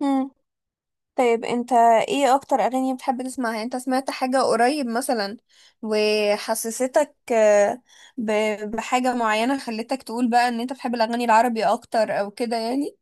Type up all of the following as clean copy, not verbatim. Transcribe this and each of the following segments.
مم. طيب، انت ايه اكتر اغاني بتحب تسمعها؟ يعني انت سمعت حاجة قريب مثلا وحسستك بحاجة معينة خلتك تقول بقى ان انت بتحب الاغاني العربي اكتر او كده يعني.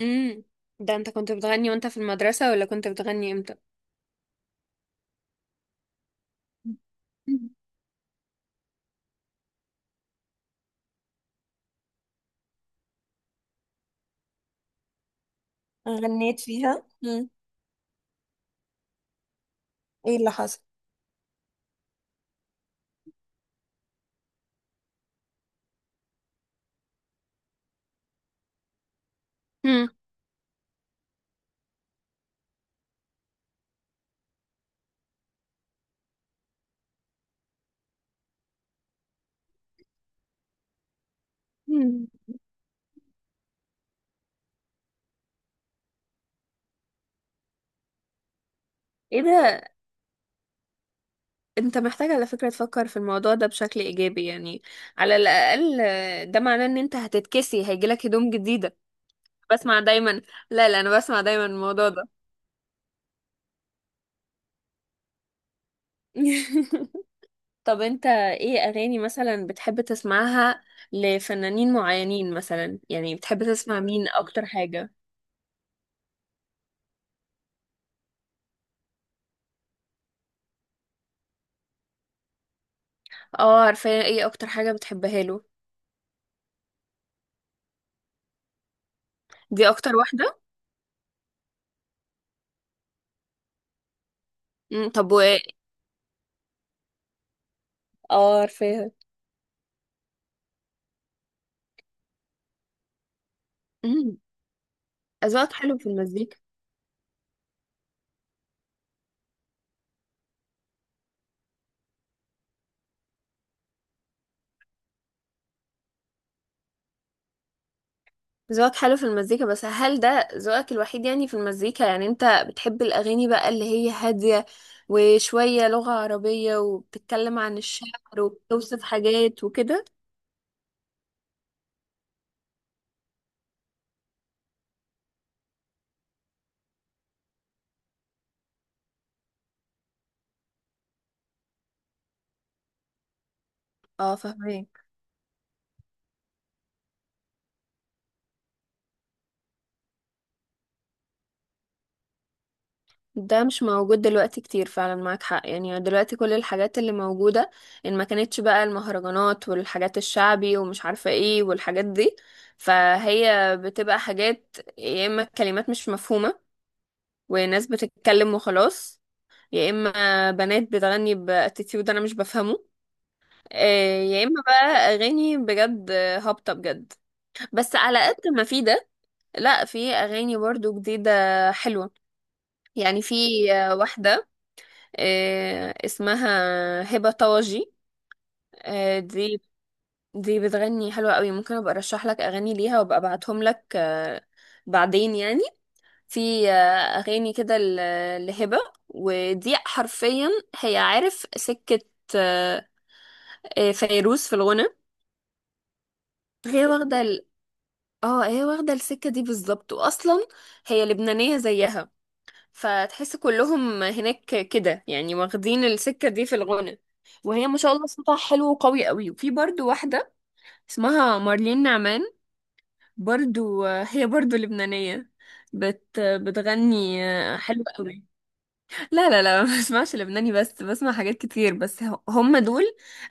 امم. ده انت كنت بتغني وانت في المدرسة ولا كنت بتغني امتى؟ غنيت فيها. مم. ايه اللي حصل؟ مم. مم. ايه ده؟ انت محتاج على فكرة تفكر في الموضوع ده بشكل ايجابي، يعني على الاقل ده معناه ان انت هتتكسي هيجيلك هدوم جديدة. بسمع دايما. لا لا، انا بسمع دايما الموضوع ده. طب، انت ايه اغاني مثلا بتحب تسمعها؟ لفنانين معينين مثلا، يعني بتحب تسمع مين اكتر حاجة؟ اه، عارفة، ايه اكتر حاجة بتحبها له؟ دي اكتر واحدة؟ مم، طب اه عارفاها. مم. اذواقك حلو في المزيكا. ذوقك حلو في المزيكا، بس هل ده ذوقك الوحيد يعني في المزيكا؟ يعني انت بتحب الأغاني بقى اللي هي هادية وشوية لغة عربية وبتتكلم عن الشعر وبتوصف حاجات وكده. اه فاهمك. ده مش موجود دلوقتي كتير، فعلا معاك حق يعني. دلوقتي كل الحاجات اللي موجودة، ان ما كانتش بقى المهرجانات والحاجات الشعبي ومش عارفة ايه والحاجات دي، فهي بتبقى حاجات يا اما كلمات مش مفهومة وناس بتتكلم وخلاص، يا اما بنات بتغني باتيتيود انا مش بفهمه، يا اما بقى اغاني بجد، هابطه بجد. بس على قد ما في ده، لا، في اغاني برضو جديده حلوه. يعني في واحده، اسمها هبه طواجي. آه، دي دي بتغني حلوه قوي. ممكن ابقى ارشح لك اغاني ليها وابقى ابعتهم لك، بعدين يعني. في اغاني كده لهبه ودي، حرفيا هي عارف سكه. آه، فيروز في الغنى. هي واخدة. اه هي واخدة السكة دي بالظبط، واصلا هي لبنانية زيها فتحس كلهم هناك كده يعني واخدين السكة دي في الغنى. وهي ما شاء الله صوتها حلو وقوي قوي. وفي برضو واحدة اسمها مارلين نعمان، برضو هي برضو لبنانية. بتغني حلو قوي. لا لا لا، ما بسمعش لبناني بس، بسمع حاجات كتير بس هم دول.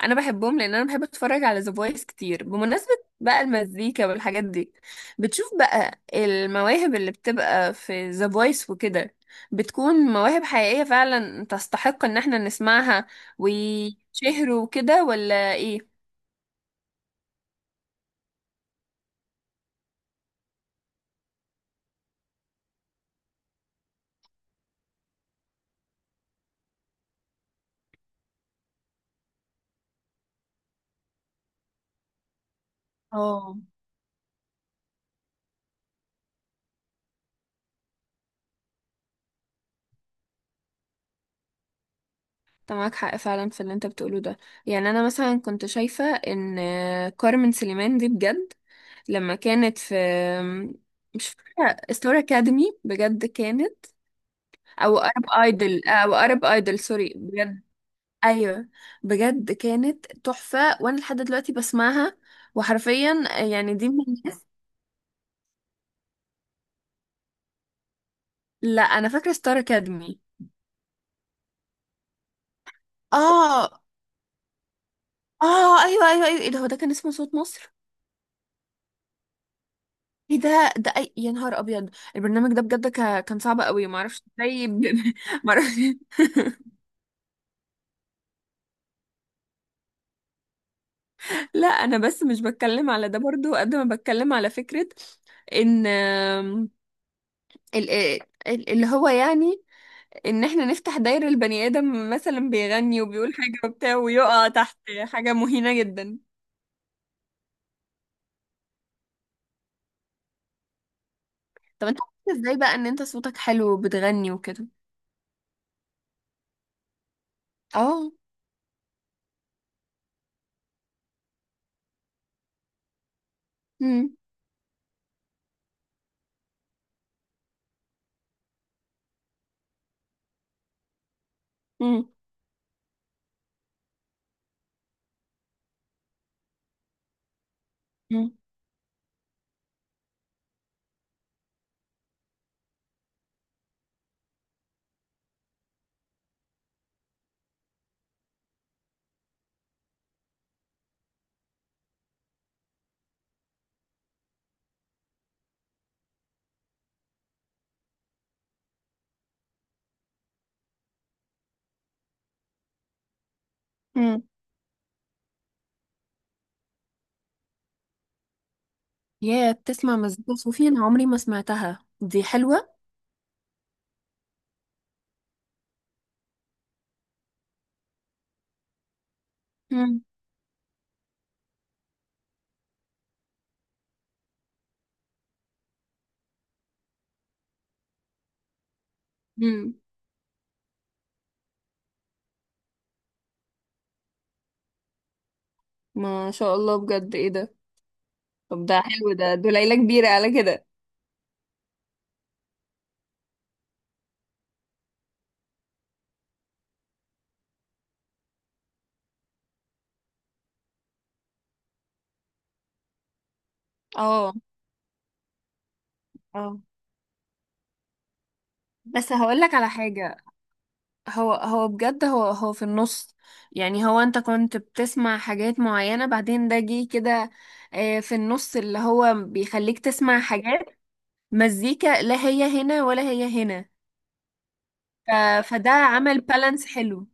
انا بحبهم لان انا بحب اتفرج على ذا فويس كتير، بمناسبة بقى المزيكا والحاجات دي، بتشوف بقى المواهب اللي بتبقى في ذا فويس وكده بتكون مواهب حقيقية فعلا تستحق ان احنا نسمعها، ويشهروا وكده، ولا ايه؟ اه، انت معاك حق فعلا في اللي انت بتقوله ده. يعني انا مثلا كنت شايفة ان كارمن سليمان دي بجد لما كانت في، مش فاكرة ستار أكاديمي، بجد كانت أو أرب أيدل، أو أرب أيدل سوري بجد. أيوة. بجد كانت تحفة وأنا لحد دلوقتي بسمعها، وحرفيا يعني دي من الناس. لا، أنا فاكرة ستار أكاديمي. اه. اه. ايوه ايوه ايوه. إيه ده، هو ده كان اسمه صوت مصر؟ إيه ده، ده أي يا نهار أبيض. البرنامج ده بجد كان صعب قوي، معرفش إزاي. معرفش. لا انا بس مش بتكلم على ده برضو، قد ما بتكلم على فكرة ان آم، ال- آه، ال- اللي هو، يعني ان احنا نفتح دايرة، البني ادم مثلا بيغني وبيقول حاجة وبتاع ويقع تحت. حاجة مهينة جدا. طب انت عرفت ازاي بقى ان انت صوتك حلو وبتغني وكده؟ اه. امم. امم. امم. امم. يا بتسمع مزيكا صوفي! انا عمري ما سمعتها، دي حلوة. امم. أمم. ما شاء الله، بجد ايه ده. طب ده حلو، ده دول ليلة كبيرة على كده. اه. اه. بس هقولك على حاجة، هو هو بجد، هو هو في النص. يعني هو، انت كنت بتسمع حاجات معينة بعدين ده جه كده، في النص اللي هو بيخليك تسمع حاجات مزيكا لا هي هنا ولا هي هنا. ف... فده عمل بالانس حلو.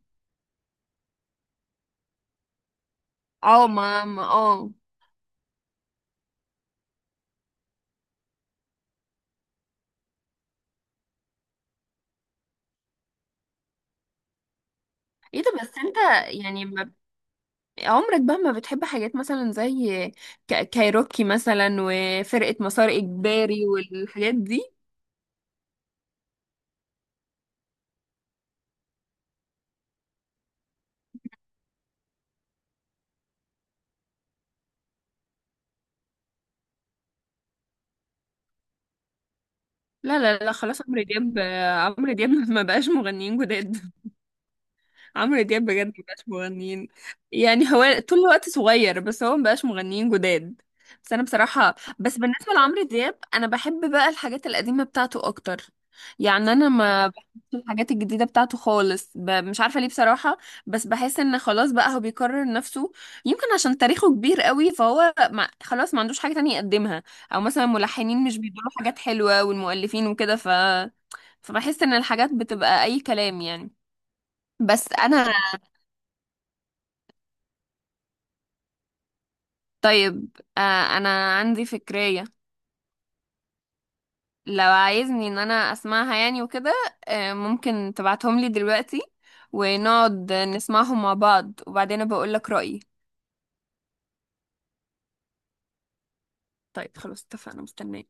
اه، ما ما اه. ايه ده، بس انت يعني ما... عمرك بقى ما بتحب حاجات مثلا زي كايروكي مثلا وفرقة مسار إجباري والحاجات دي. لا لا لا، خلاص، عمرو دياب. عمرو دياب ما بقاش مغنيين جداد. عمرو دياب بجد ما بقاش مغنيين، يعني هو طول الوقت صغير بس هو ما بقاش مغنيين جداد. بس انا بصراحة، بس بالنسبة لعمرو دياب انا بحب بقى الحاجات القديمة بتاعته اكتر. يعني انا ما بحبش الحاجات الجديدة بتاعته خالص، مش عارفة ليه بصراحة. بس بحس ان خلاص بقى هو بيكرر نفسه. يمكن عشان تاريخه كبير قوي فهو ما... خلاص ما عندوش حاجة تانية يقدمها، او مثلا ملحنين مش بيدوا له حاجات حلوة والمؤلفين وكده، فبحس ان الحاجات بتبقى اي كلام يعني. بس انا طيب، انا عندي فكرية. لو عايزني ان انا اسمعها يعني وكده، ممكن تبعتهم لي دلوقتي ونقعد نسمعهم مع بعض، وبعدين بقول لك رأيي. طيب خلاص اتفقنا، مستنية.